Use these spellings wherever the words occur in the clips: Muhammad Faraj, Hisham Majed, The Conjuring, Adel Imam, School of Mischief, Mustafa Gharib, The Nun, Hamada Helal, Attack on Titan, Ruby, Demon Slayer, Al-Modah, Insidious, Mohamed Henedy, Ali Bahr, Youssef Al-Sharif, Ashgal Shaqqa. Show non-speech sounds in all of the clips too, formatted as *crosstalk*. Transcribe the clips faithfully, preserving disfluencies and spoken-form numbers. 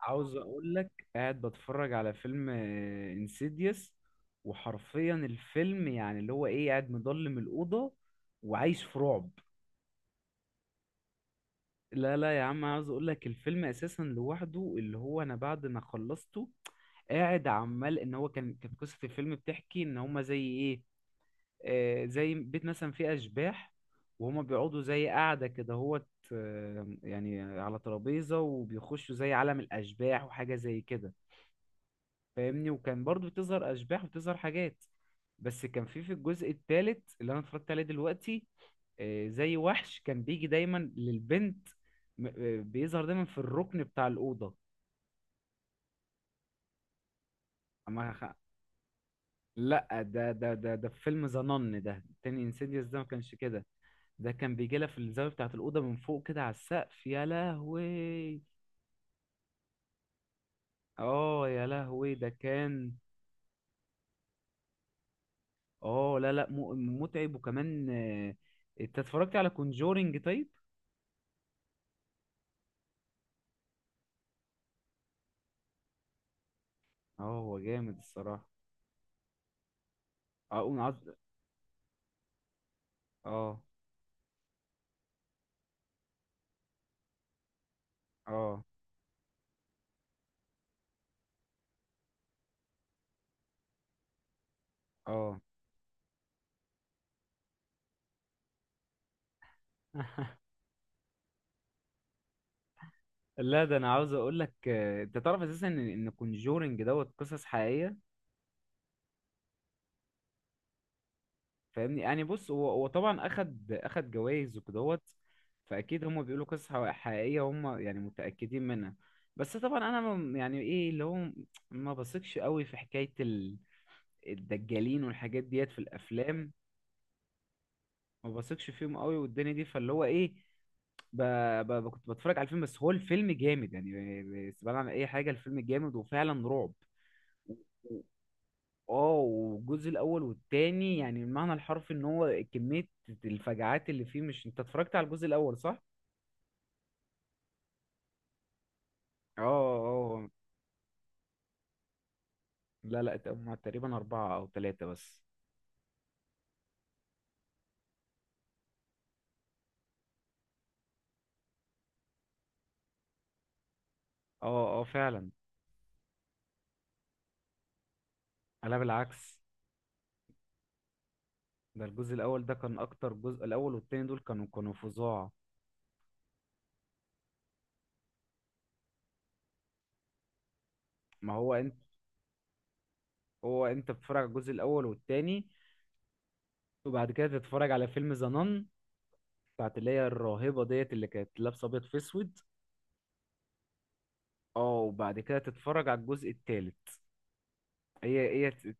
عاوز اقول لك، قاعد بتفرج على فيلم انسيديوس. وحرفيا الفيلم يعني اللي هو ايه، قاعد مضلم الأوضة وعايش في رعب. لا لا يا عم، عاوز اقول لك الفيلم اساسا لوحده اللي هو، انا بعد ما خلصته قاعد عمال ان هو كان كانت قصة الفيلم بتحكي ان هما زي ايه. آه، زي بيت مثلا فيه اشباح. وهما بيقعدوا زي قاعدة كده هوت. آه، يعني على ترابيزة وبيخشوا زي عالم الاشباح وحاجة زي كده. فاهمني، وكان برضو بتظهر اشباح وبتظهر حاجات. بس كان في في الجزء الثالث اللي انا اتفرجت عليه دلوقتي. آه، زي وحش كان بيجي دايما للبنت. م- آه، بيظهر دايما في الركن بتاع الاوضه. أما خ- لا، ده ده ده ده في فيلم ذا نن ده تاني، انسيديوس ده ما كانش كده. ده كان بيجي لها في الزاويه بتاعه الاوضه من فوق كده، على السقف يا لهوي. اه، يا لهوي ده كان. اه، لا لا، م- متعب وكمان آه، انت اتفرجت على كونجورينج طيب؟ اه، هو جامد الصراحة. أه، اقوم عاوز... اه، اه، اه. *laughs* لا، ده انا عاوز اقول لك، آه، انت تعرف اساسا ان ان كونجورنج دوت قصص حقيقية. فاهمني، يعني بص، هو هو طبعا اخد اخد جوائز وكدهوت. فاكيد هم بيقولوا قصص حق- حقيقية، هم يعني متأكدين منها. بس طبعا انا ما- يعني ايه اللي هو، ما بثقش قوي في حكاية ال- الدجالين والحاجات ديت في الافلام. ما بثقش فيهم قوي، والدنيا دي، فاللي هو ايه... ب... ب... ب- كنت بتفرج على الفيلم، بس هو الفيلم جامد، يعني استبعد عن اي حاجه، الفيلم جامد وفعلا رعب. و- و- اه، والجزء الاول والتاني يعني المعنى الحرفي ان هو كميه الفجعات اللي فيه. مش انت اتفرجت على الجزء الاول، صح؟ اه، اه. لا لا، هما تقريبا اربعه او ثلاثه بس. اه، اه، فعلا. لا، بالعكس. ده الجزء الاول ده كان اكتر جزء. الاول والتاني دول كانوا كانوا فظاع. ما هو انت... هو انت بتتفرج على الجزء الاول والتاني وبعد كده تتفرج على فيلم ذا بتاعت اللي هي الراهبة ديت، اللي كانت لابسة أبيض في أسود. اه، وبعد كده تتفرج على الجزء التالت. هي هي ت-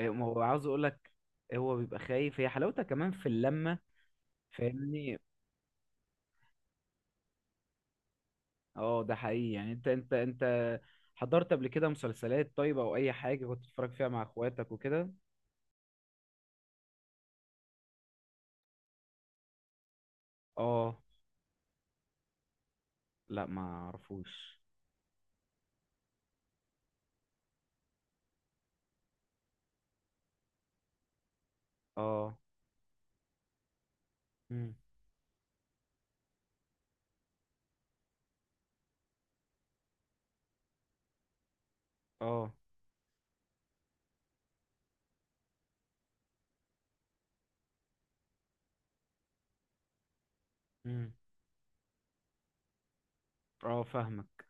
ما هو عاوز أقول لك، هو بيبقى خايف، هي حلاوتها كمان في اللمة. فاهمني. اه، ده حقيقي، يعني انت انت انت حضرت قبل كده مسلسلات، طيب، او اي حاجة كنت بتتفرج فيها مع اخواتك وكده؟ اه، لا، ما اعرفوش. اه، مم. اه، مم. اه، فاهمك.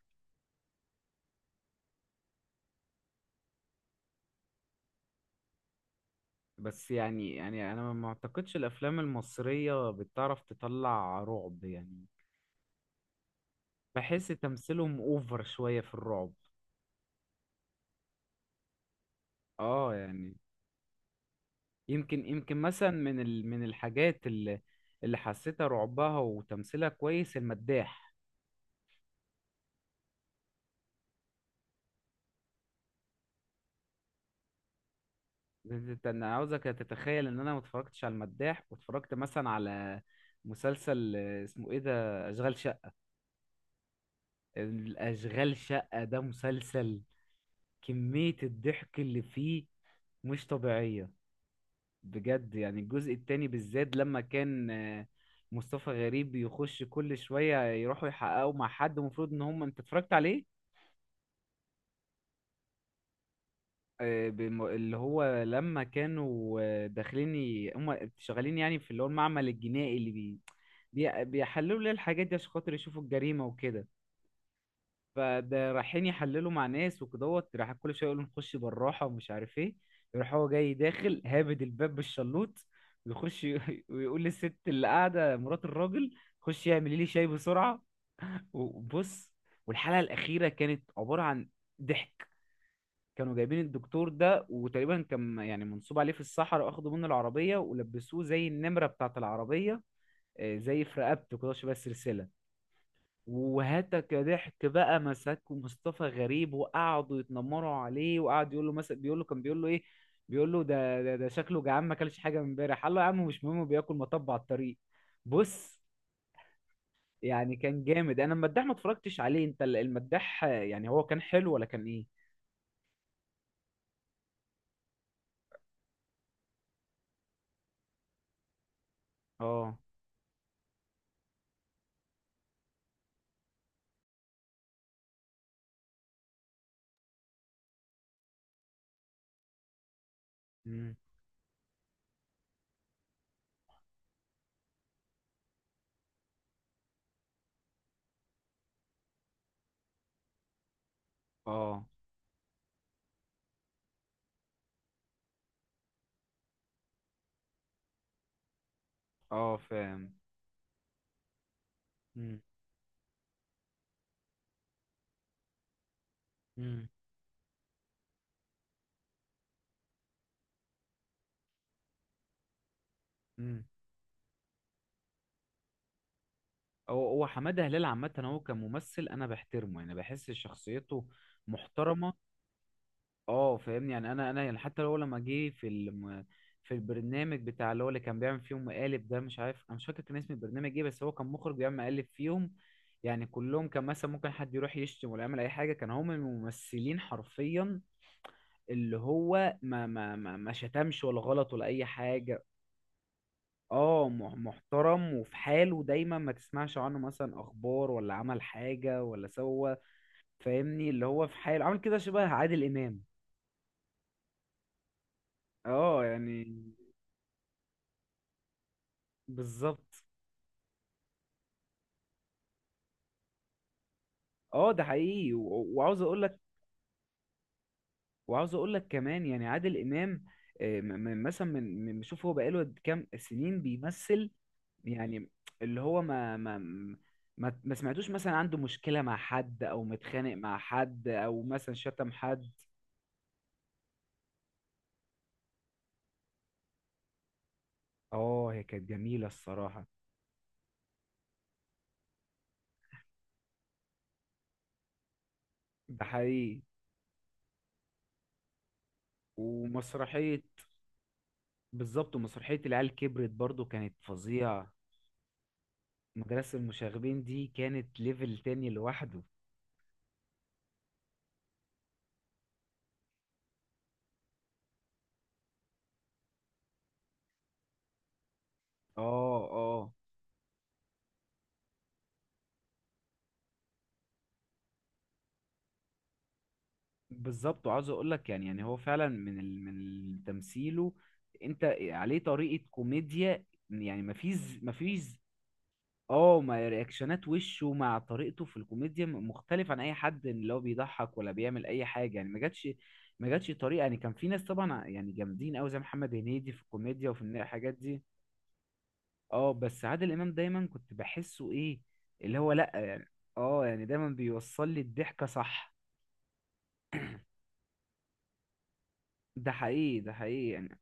بس يعني يعني، انا ما اعتقدش الافلام المصرية بتعرف تطلع رعب يعني. بحس تمثيلهم اوفر شوية في الرعب. اه، يعني، يمكن يمكن مثلا من ال... من الحاجات اللي اللي حسيتها رعبها وتمثيلها كويس، المداح. انت- انا عاوزك تتخيل ان انا ما اتفرجتش على المداح، واتفرجت مثلا على مسلسل، آه، اسمه ايه ده؟ اشغال شقة. الاشغال شقة ده مسلسل، كمية الضحك اللي فيه مش طبيعية. بجد، يعني الجزء التاني بالذات، لما كان آه، مصطفى غريب يخش كل شوية يروحوا يحققوا مع حد، المفروض ان هم، انت اتفرجت عليه؟ آه، بم- اللي هو لما كانوا، آه، داخلين ي- هم شغالين يعني في اللي هو المعمل الجنائي اللي بي بي- بيحللوا ليه الحاجات دي عشان خاطر يشوفوا الجريمة وكده. فده رايحين يحللوا مع ناس وكدهوت، راح كل شويه يقولوا نخش بالراحه ومش عارف ايه. يروح هو جاي داخل هابد الباب بالشلوط، ويخش ي- *laughs* ويقول للست اللي قاعده مرات الراجل، خش اعملي لي شاي بسرعه. وبص، والحلقه الاخيره كانت عباره عن ضحك. كانوا جايبين الدكتور ده، وتقريبا كان يعني منصوب عليه في الصحراء، واخدوا منه العربيه ولبسوه زي النمره بتاعه العربيه. آه، زي في رقبته كده شبه السلسله. وهاتك ضحك بقى، مسكوا مصطفى غريب وقعدوا يتنمروا عليه، وقعد يقول له مثلا، بيقول له، كان بيقول له ايه؟ بيقول له ده ده, ده شكله جعان، ما اكلش حاجه من امبارح. قال له يا عم مش مهم، بياكل مطب على الطريق. بص، يعني كان جامد. انا المداح ما اتفرجتش عليه، انت ال- المداح، آه، يعني هو كان حلو ولا كان ايه؟ اه. امم. اه، اه، فاهم. امم، امم، امم. هو هو حماده هلال عامه، هو كممثل انا بحترمه، يعني بحس شخصيته محترمه. اه، فاهمني يعني، انا انا يعني حتى هو لما جه في الم... في البرنامج بتاع اللي هو، اللي كان بيعمل فيهم مقالب ده، مش عارف، انا مش فاكر كان اسم البرنامج ايه، بس هو كان مخرج بيعمل مقالب فيهم. يعني كلهم، كان مثلا ممكن حد يروح يشتم ولا يعمل اي حاجه، كان هم الممثلين حرفيا اللي هو ما ما ما, ما شتمش ولا غلط ولا اي حاجه. اه، مح- محترم، وفي حاله دايما، ما تسمعش عنه مثلا اخبار ولا عمل حاجه ولا سوى. فاهمني، اللي هو في حاله عامل كده شبه عادل امام. اه، يعني بالظبط. اه، ده حقيقي. و- وعاوز اقول لك، وعاوز اقول لك كمان يعني عادل امام، آه، م- م- مثلا من من- شوف، هو بقاله قد كام سنين بيمثل يعني، اللي هو ما ما ما ما سمعتوش مثلا عنده مشكلة مع حد، او متخانق مع حد، او مثلا شتم حد. اه، هي كانت جميلة الصراحة. ده حقيقي. ومسرحية... بالظبط، ومسرحية العيال كبرت برضو كانت فظيعة. مدرسة المشاغبين دي كانت ليفل تاني لوحده. اه، اه، بالظبط. وعاوز اقول لك، يعني يعني هو فعلا من ال... من تمثيله، انت عليه طريقه كوميديا، يعني مفيش، مفيش. اه، ما رياكشنات وشه مع طريقته في الكوميديا م- مختلف عن اي حد، اللي هو بيضحك ولا بيعمل اي حاجه يعني. ما جاتش، ما جاتش طريقه، يعني كان في ناس طبعا ع- يعني جامدين قوي زي محمد هنيدي في الكوميديا، وفي النا- الحاجات دي. اه، بس عادل امام دايما كنت بحسه ايه، اللي هو، لا يعني. اه، يعني دايما بيوصل لي الضحكه، صح. ده حقيقي، ده حقيقي يعني.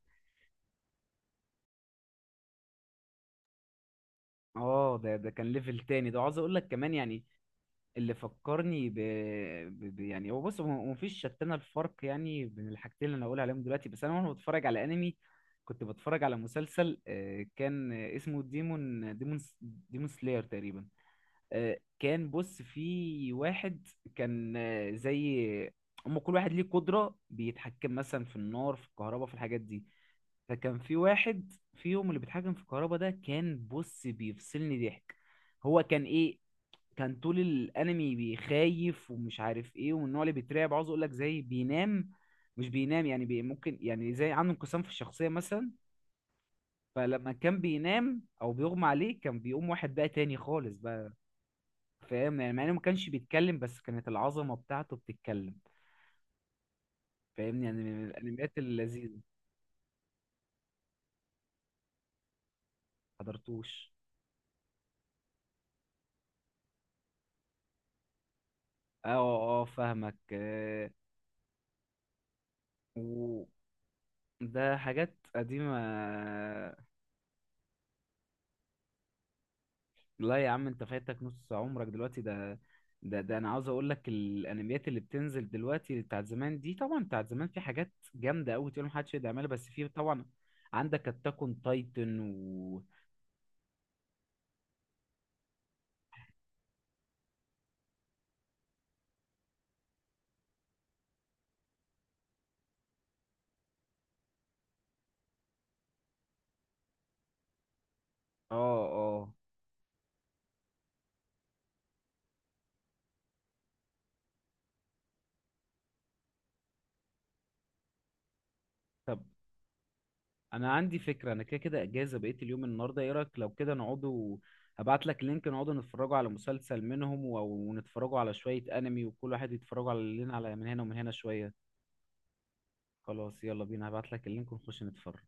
اه، ده ده كان ليفل تاني ده. وعاوز اقول لك كمان يعني، اللي فكرني ب... ب... ب... يعني هو بص، هو مفيش شتانه الفرق يعني بين الحاجتين اللي انا هقول عليهم دلوقتي، بس انا، وانا بتفرج على انمي، كنت بتفرج على مسلسل، آه، كان اسمه ديمون ديمون ديمون سلاير تقريبا. آه، كان بص في واحد، كان، آه، زي، هم كل واحد ليه قدرة، بيتحكم مثلا في النار، في الكهرباء، في الحاجات دي. فكان في واحد فيهم اللي بيتحكم في الكهرباء ده، كان بص بيفصلني ضحك. هو كان ايه؟ كان طول الانمي بيخايف ومش عارف ايه، ومن النوع اللي بيترعب، عاوز اقول لك زي بينام، مش بينام يعني، بي ممكن يعني زي عنده انقسام في الشخصية مثلا. فلما كان بينام او بيغمى عليه، كان بيقوم واحد بقى تاني خالص بقى. فاهم يعني، مع انه ما كانش بيتكلم، بس كانت العظمة بتاعته بتتكلم. فاهمني، يعني من الانميات اللذيذة. حضرتوش؟ اه، اه، آه، فاهمك آه، و... ده حاجات قديمة. لا يا عم، انت فايتك نص عمرك دلوقتي ده. ده ده انا عاوز اقول لك، الانميات اللي بتنزل دلوقتي بتاعت زمان دي، طبعا بتاعت زمان في حاجات جامدة قوي، تقول محدش يقدر يعملها، بس في طبعا عندك اتاك اون تايتن و... اه، اه. طب، انا عندي فكرة، انا كده كده اجازة بقيت اليوم النهاردة، ايه رأيك لو كده نقعدوا، هبعت لك لينك نقعدوا نتفرجوا على مسلسل منهم، و- ونتفرجوا على شوية انمي، وكل واحد يتفرجوا على لنا على، من هنا ومن هنا شوية. خلاص، يلا بينا، هبعت لك اللينك ونخش نتفرج.